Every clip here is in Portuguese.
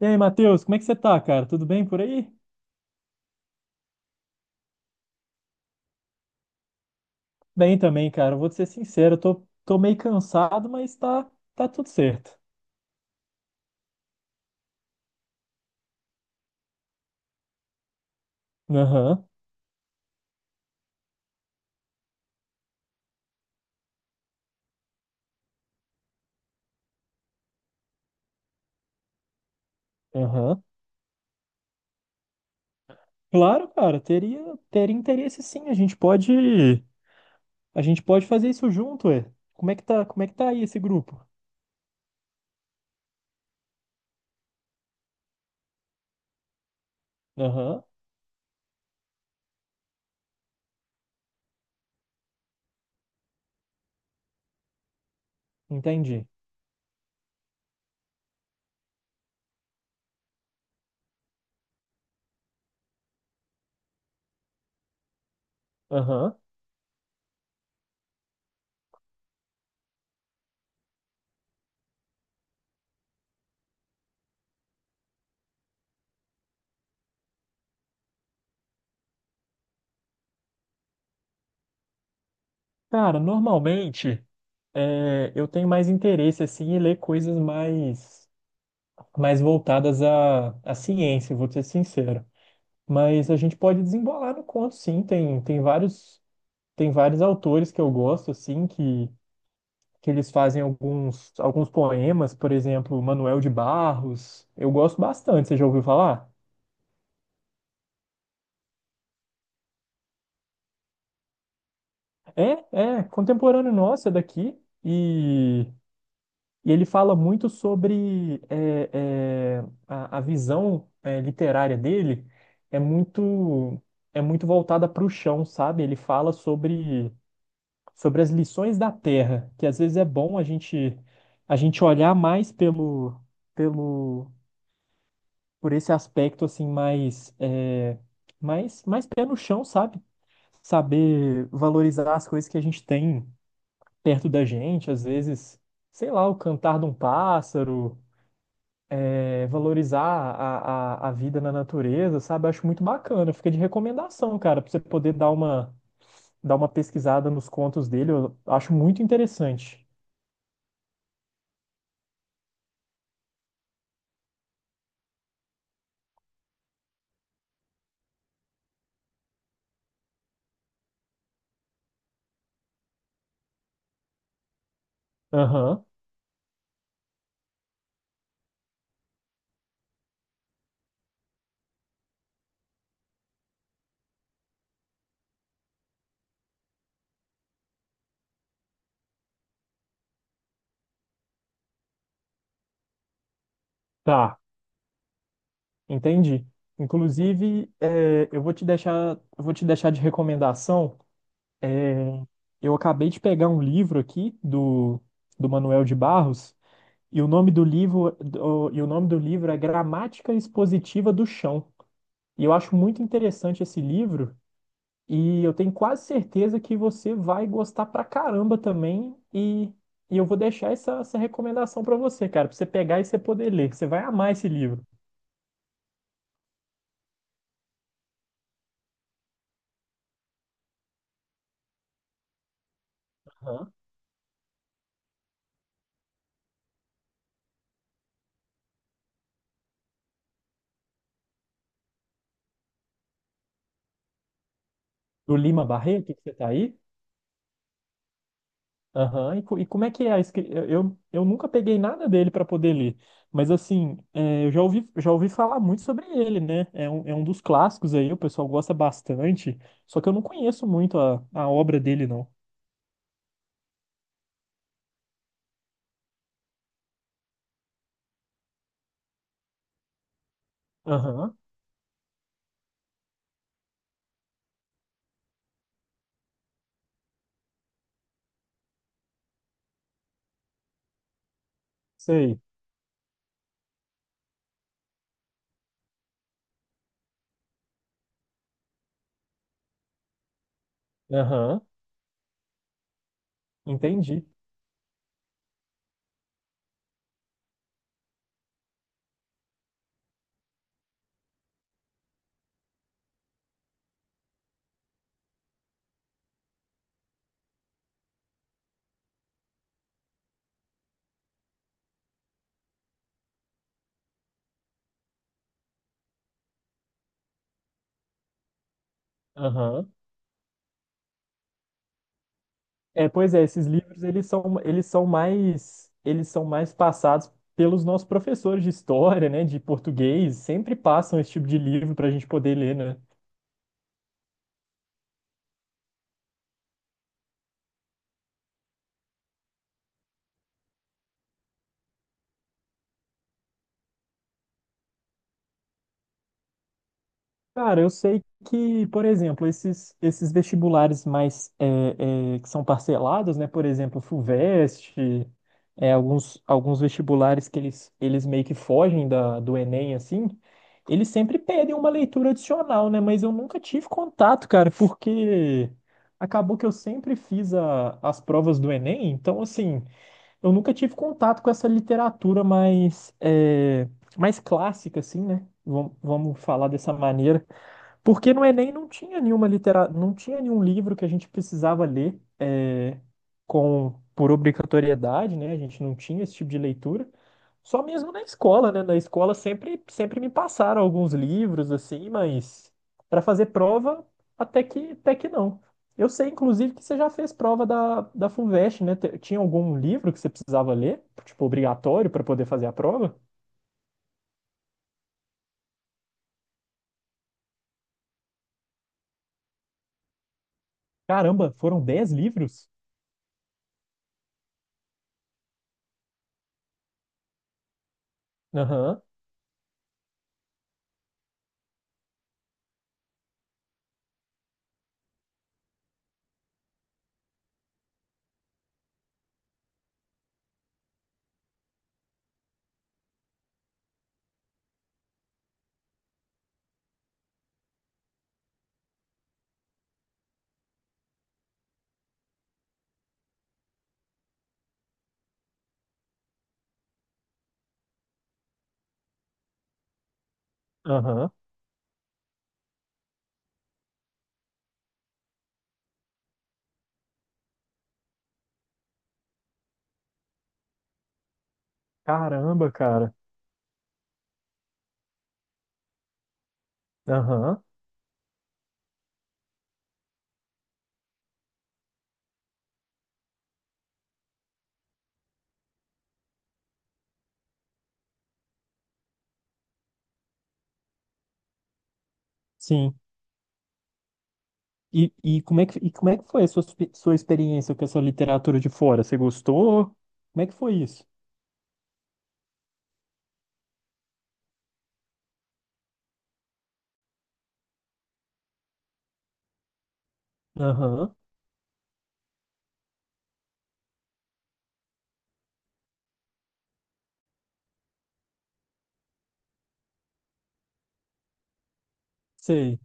E aí, Matheus, como é que você tá, cara? Tudo bem por aí? Bem também, cara. Vou te ser sincero, eu tô meio cansado, mas tá tudo certo. Aham, aham. Claro, cara, teria interesse sim. A gente pode fazer isso junto, é. Como é que tá, como é que tá aí esse grupo? Aham, entendi. Aham. Cara, normalmente eu tenho mais interesse assim em ler coisas mais voltadas à ciência, vou te ser sincero. Mas a gente pode desembolar no conto, sim. Tem vários autores que eu gosto, assim, que eles fazem alguns poemas, por exemplo, Manuel de Barros. Eu gosto bastante, você já ouviu falar? É, é, contemporâneo nosso, é daqui. E, e ele fala muito sobre é, a visão literária dele é é muito voltada para o chão, sabe? Ele fala sobre as lições da Terra, que às vezes é bom a gente olhar mais pelo por esse aspecto assim mais mais mais pé no chão, sabe? Saber valorizar as coisas que a gente tem perto da gente, às vezes, sei lá, o cantar de um pássaro, é, valorizar a vida na natureza, sabe? Acho muito bacana. Fica de recomendação, cara, pra você poder dar uma pesquisada nos contos dele, eu acho muito interessante. Aham. Tá, entendi. Inclusive, é, eu vou te deixar de recomendação. Eu acabei de pegar um livro aqui do Manuel de Barros, e o nome do livro, do- e o nome do livro é Gramática Expositiva do Chão. E eu acho muito interessante esse livro, e eu tenho quase certeza que você vai gostar pra caramba também. E eu vou deixar essa recomendação pra você, cara, pra você pegar e você poder ler. Você vai amar esse livro. Aham. Do Lima Barreto, que você tá aí? Aham, e, e como é que é a escrita? Eu nunca peguei nada dele para poder ler, mas assim, é, eu já já ouvi falar muito sobre ele, né? É um dos clássicos aí, o pessoal gosta bastante, só que eu não conheço muito a obra dele, não. Aham, sei. Aham, entendi. Aham. É, pois é, esses livros, eles são mais passados pelos nossos professores de história, né, de português, sempre passam esse tipo de livro para a gente poder ler, né? Cara, eu sei que, por exemplo, esses vestibulares mais que são parcelados, né? Por exemplo, o FUVEST, é, alguns vestibulares que eles meio que fogem do Enem, assim, eles sempre pedem uma leitura adicional, né? Mas eu nunca tive contato, cara, porque acabou que eu sempre fiz as provas do Enem, então, assim, eu nunca tive contato com essa literatura mais, é, mais clássica, assim, né? Vamos falar dessa maneira. Porque no Enem não tinha nenhuma não tinha nenhum livro que a gente precisava ler é, com por obrigatoriedade, né? A gente não tinha esse tipo de leitura. Só mesmo na escola, né? Na escola sempre me passaram alguns livros assim, mas para fazer prova até que não. Eu sei, inclusive, que você já fez prova da Fuvest né? Tinha algum livro que você precisava ler, tipo, obrigatório para poder fazer a prova? Caramba, foram 10 livros? Aham, aham. Caramba, cara. Aham, sim. E como é que foi a sua, sua experiência com essa literatura de fora? Você gostou? Como é que foi isso? Aham, sei.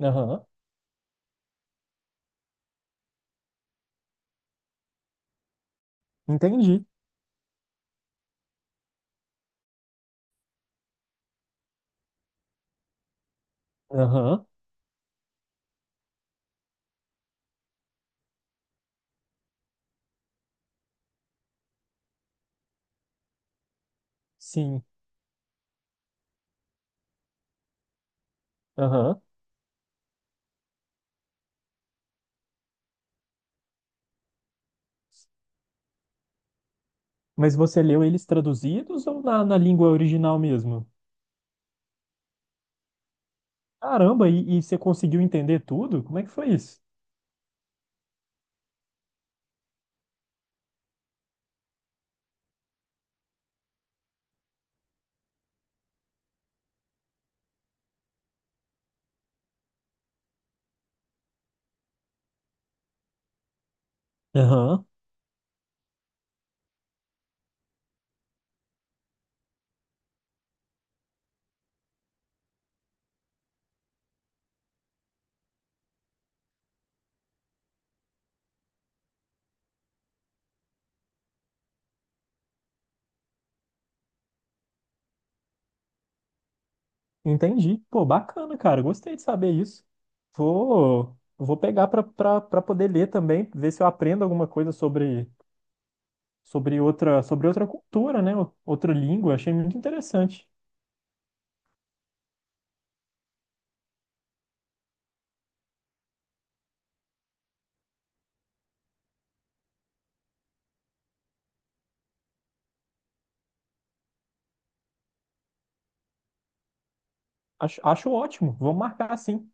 Aham, entendi. Aham, sim. Aham. Mas você leu eles traduzidos ou na língua original mesmo? Caramba, e você conseguiu entender tudo? Como é que foi isso? Aham, entendi. Pô, bacana, cara. Gostei de saber isso. Vou pegar pra poder ler também, ver se eu aprendo alguma coisa sobre. Sobre sobre outra cultura, né? Outra língua. Achei muito interessante. Acho ótimo. Vamos marcar sim.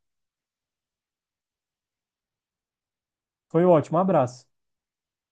Foi ótimo. Um abraço.